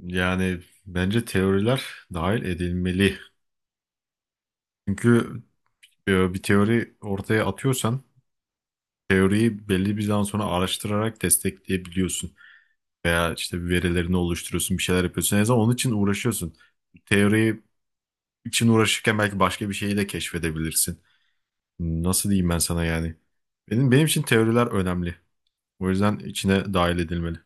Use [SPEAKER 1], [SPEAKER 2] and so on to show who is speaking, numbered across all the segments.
[SPEAKER 1] Yani bence teoriler dahil edilmeli. Çünkü bir teori ortaya atıyorsan teoriyi belli bir zaman sonra araştırarak destekleyebiliyorsun. Veya işte bir verilerini oluşturuyorsun, bir şeyler yapıyorsun. En azından onun için uğraşıyorsun. Teori için uğraşırken belki başka bir şeyi de keşfedebilirsin. Nasıl diyeyim ben sana yani? Benim için teoriler önemli. O yüzden içine dahil edilmeli.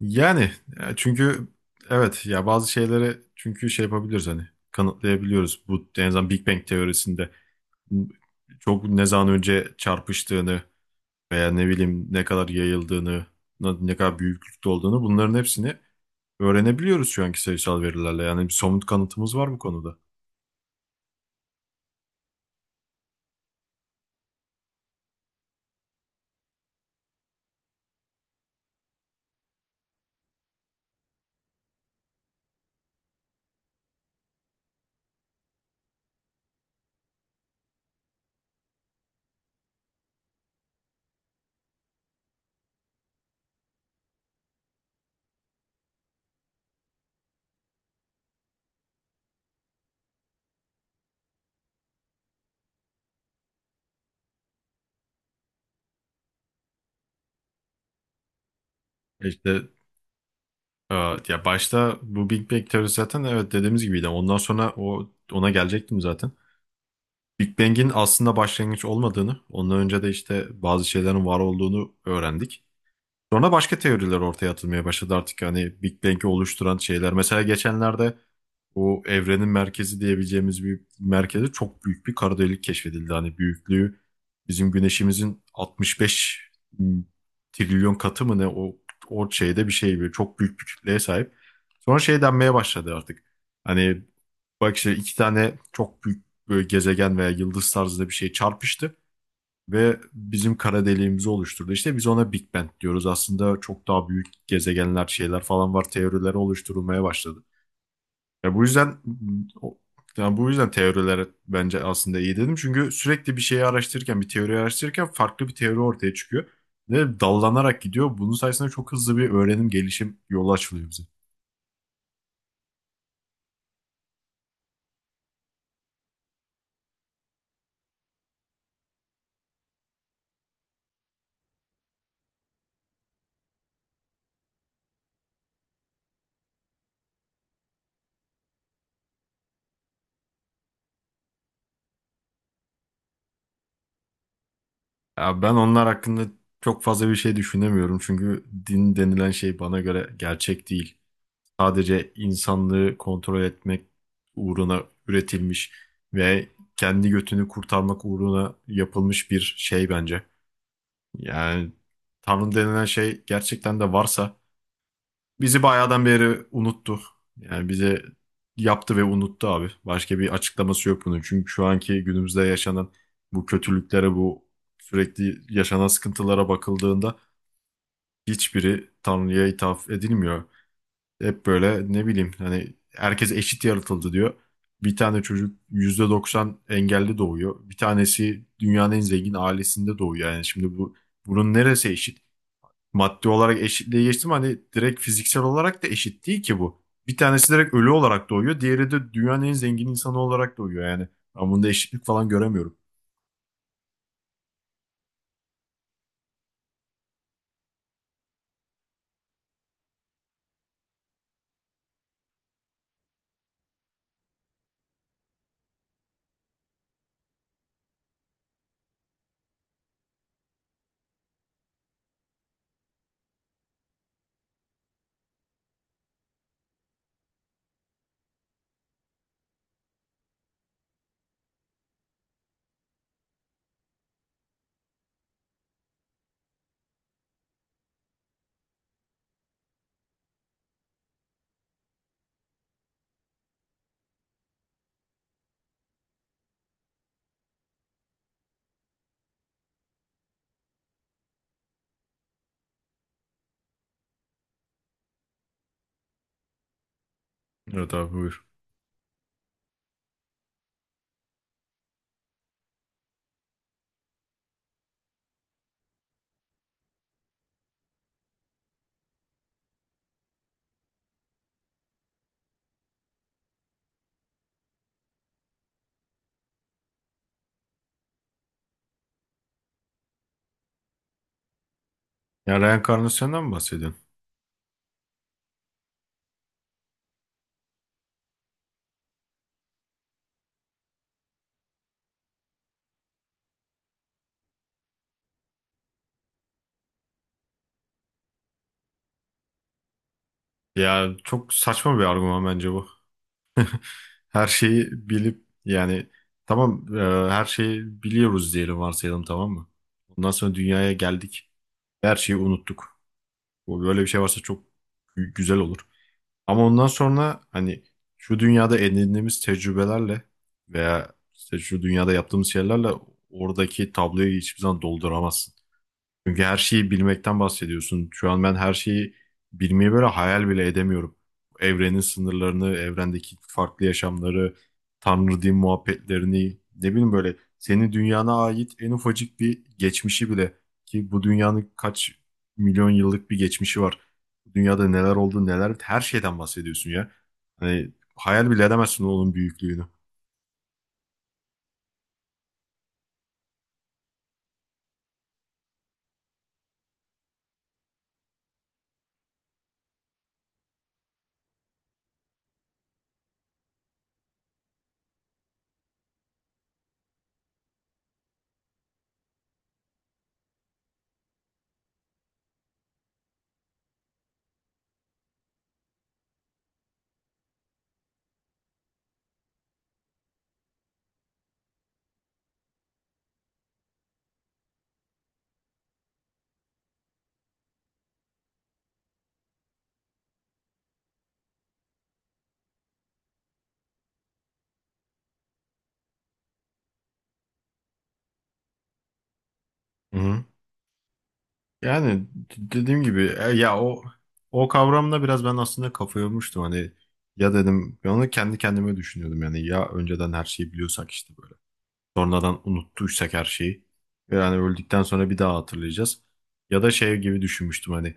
[SPEAKER 1] Yani çünkü evet ya bazı şeyleri çünkü şey yapabiliriz hani kanıtlayabiliyoruz. Bu en azından Big Bang teorisinde m- çok ne zaman önce çarpıştığını veya ne bileyim ne kadar yayıldığını, ne kadar büyüklükte olduğunu bunların hepsini öğrenebiliyoruz şu anki sayısal verilerle. Yani bir somut kanıtımız var bu konuda. İşte e, ya başta bu Big Bang teorisi zaten evet dediğimiz gibiydi. Ondan sonra ona gelecektim zaten. Big Bang'in aslında başlangıç olmadığını, ondan önce de işte bazı şeylerin var olduğunu öğrendik. Sonra başka teoriler ortaya atılmaya başladı artık hani Big Bang'i oluşturan şeyler. Mesela geçenlerde o evrenin merkezi diyebileceğimiz bir merkeze çok büyük bir kara delik keşfedildi. Hani büyüklüğü bizim güneşimizin 65 trilyon katı mı ne o şeyde bir şey böyle çok büyük bir kütleye sahip. Sonra şey denmeye başladı artık. Hani bak işte iki tane çok büyük böyle gezegen veya yıldız tarzında bir şey çarpıştı ve bizim kara deliğimizi oluşturdu. İşte biz ona Big Bang diyoruz. Aslında çok daha büyük gezegenler, şeyler falan var. Teorileri oluşturulmaya başladı. Ya bu yüzden o- yani bu yüzden teoriler bence aslında iyi dedim. Çünkü sürekli bir şeyi araştırırken, bir teori araştırırken farklı bir teori ortaya çıkıyor. Ve dallanarak gidiyor. Bunun sayesinde çok hızlı bir öğrenim, gelişim yolu açılıyor bize. Ya ben onlar hakkında çok fazla bir şey düşünemiyorum. Çünkü din denilen şey bana göre gerçek değil. Sadece insanlığı kontrol etmek uğruna üretilmiş ve kendi götünü kurtarmak uğruna yapılmış bir şey bence. Yani Tanrı denilen şey gerçekten de varsa bizi bayağıdan beri unuttu. Yani bize yaptı ve unuttu abi. Başka bir açıklaması yok bunun. Çünkü şu anki günümüzde yaşanan bu kötülüklere, bu sürekli yaşanan sıkıntılara bakıldığında hiçbiri Tanrı'ya ithaf edilmiyor. Hep böyle ne bileyim hani herkes eşit yaratıldı diyor. Bir tane çocuk %90 engelli doğuyor. Bir tanesi dünyanın en zengin ailesinde doğuyor. Yani şimdi bu bunun neresi eşit? Maddi olarak eşitliğe geçtim hani direkt fiziksel olarak da eşit değil ki bu. Bir tanesi direkt ölü olarak doğuyor. Diğeri de dünyanın en zengin insanı olarak doğuyor yani. Ben bunda eşitlik falan göremiyorum. Evet abi buyur. Ya reenkarnasyondan mı bahsediyorsun? Ya çok saçma bir argüman bence bu. Her şeyi bilip yani tamam her şeyi biliyoruz diyelim varsayalım tamam mı? Ondan sonra dünyaya geldik. Her şeyi unuttuk. Bu böyle bir şey varsa çok güzel olur. Ama ondan sonra hani şu dünyada edindiğimiz tecrübelerle veya işte şu dünyada yaptığımız şeylerle oradaki tabloyu hiçbir zaman dolduramazsın. Çünkü her şeyi bilmekten bahsediyorsun. Şu an ben her şeyi bilmeyi böyle hayal bile edemiyorum. Evrenin sınırlarını, evrendeki farklı yaşamları, Tanrı din muhabbetlerini, ne bileyim böyle senin dünyana ait en ufacık bir geçmişi bile ki bu dünyanın kaç milyon yıllık bir geçmişi var. Bu dünyada neler oldu, neler her şeyden bahsediyorsun ya. Hani hayal bile edemezsin onun büyüklüğünü. Hı hı. Yani dediğim gibi ya o kavramla biraz ben aslında kafa yormuştum hani ya dedim ben onu kendi kendime düşünüyordum yani ya önceden her şeyi biliyorsak işte böyle sonradan unuttuysak her şeyi yani öldükten sonra bir daha hatırlayacağız ya da şey gibi düşünmüştüm hani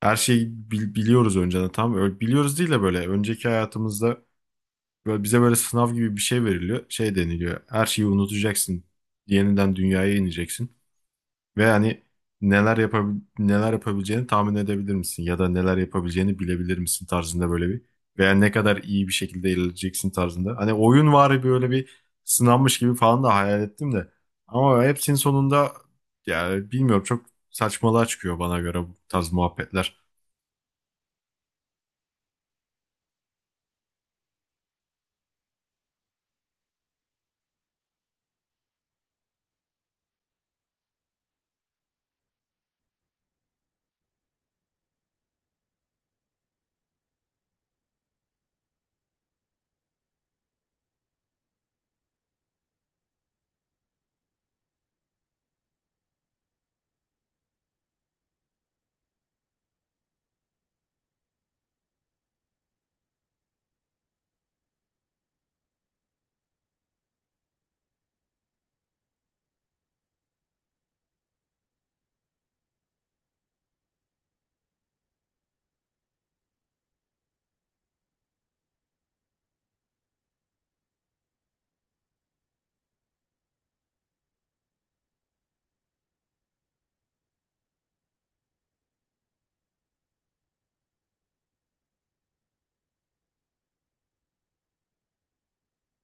[SPEAKER 1] her şeyi biliyoruz önceden tamam öyle biliyoruz değil de böyle önceki hayatımızda böyle bize böyle sınav gibi bir şey veriliyor şey deniliyor her şeyi unutacaksın yeniden dünyaya ineceksin. Ve hani neler yapabileceğini tahmin edebilir misin? Ya da neler yapabileceğini bilebilir misin tarzında böyle bir veya ne kadar iyi bir şekilde ilerleyeceksin tarzında. Hani oyun var böyle bir sınanmış gibi falan da hayal ettim de. Ama hepsinin sonunda yani bilmiyorum çok saçmalığa çıkıyor bana göre bu tarz muhabbetler.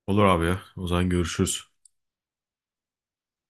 [SPEAKER 1] Olur abi ya. O zaman görüşürüz.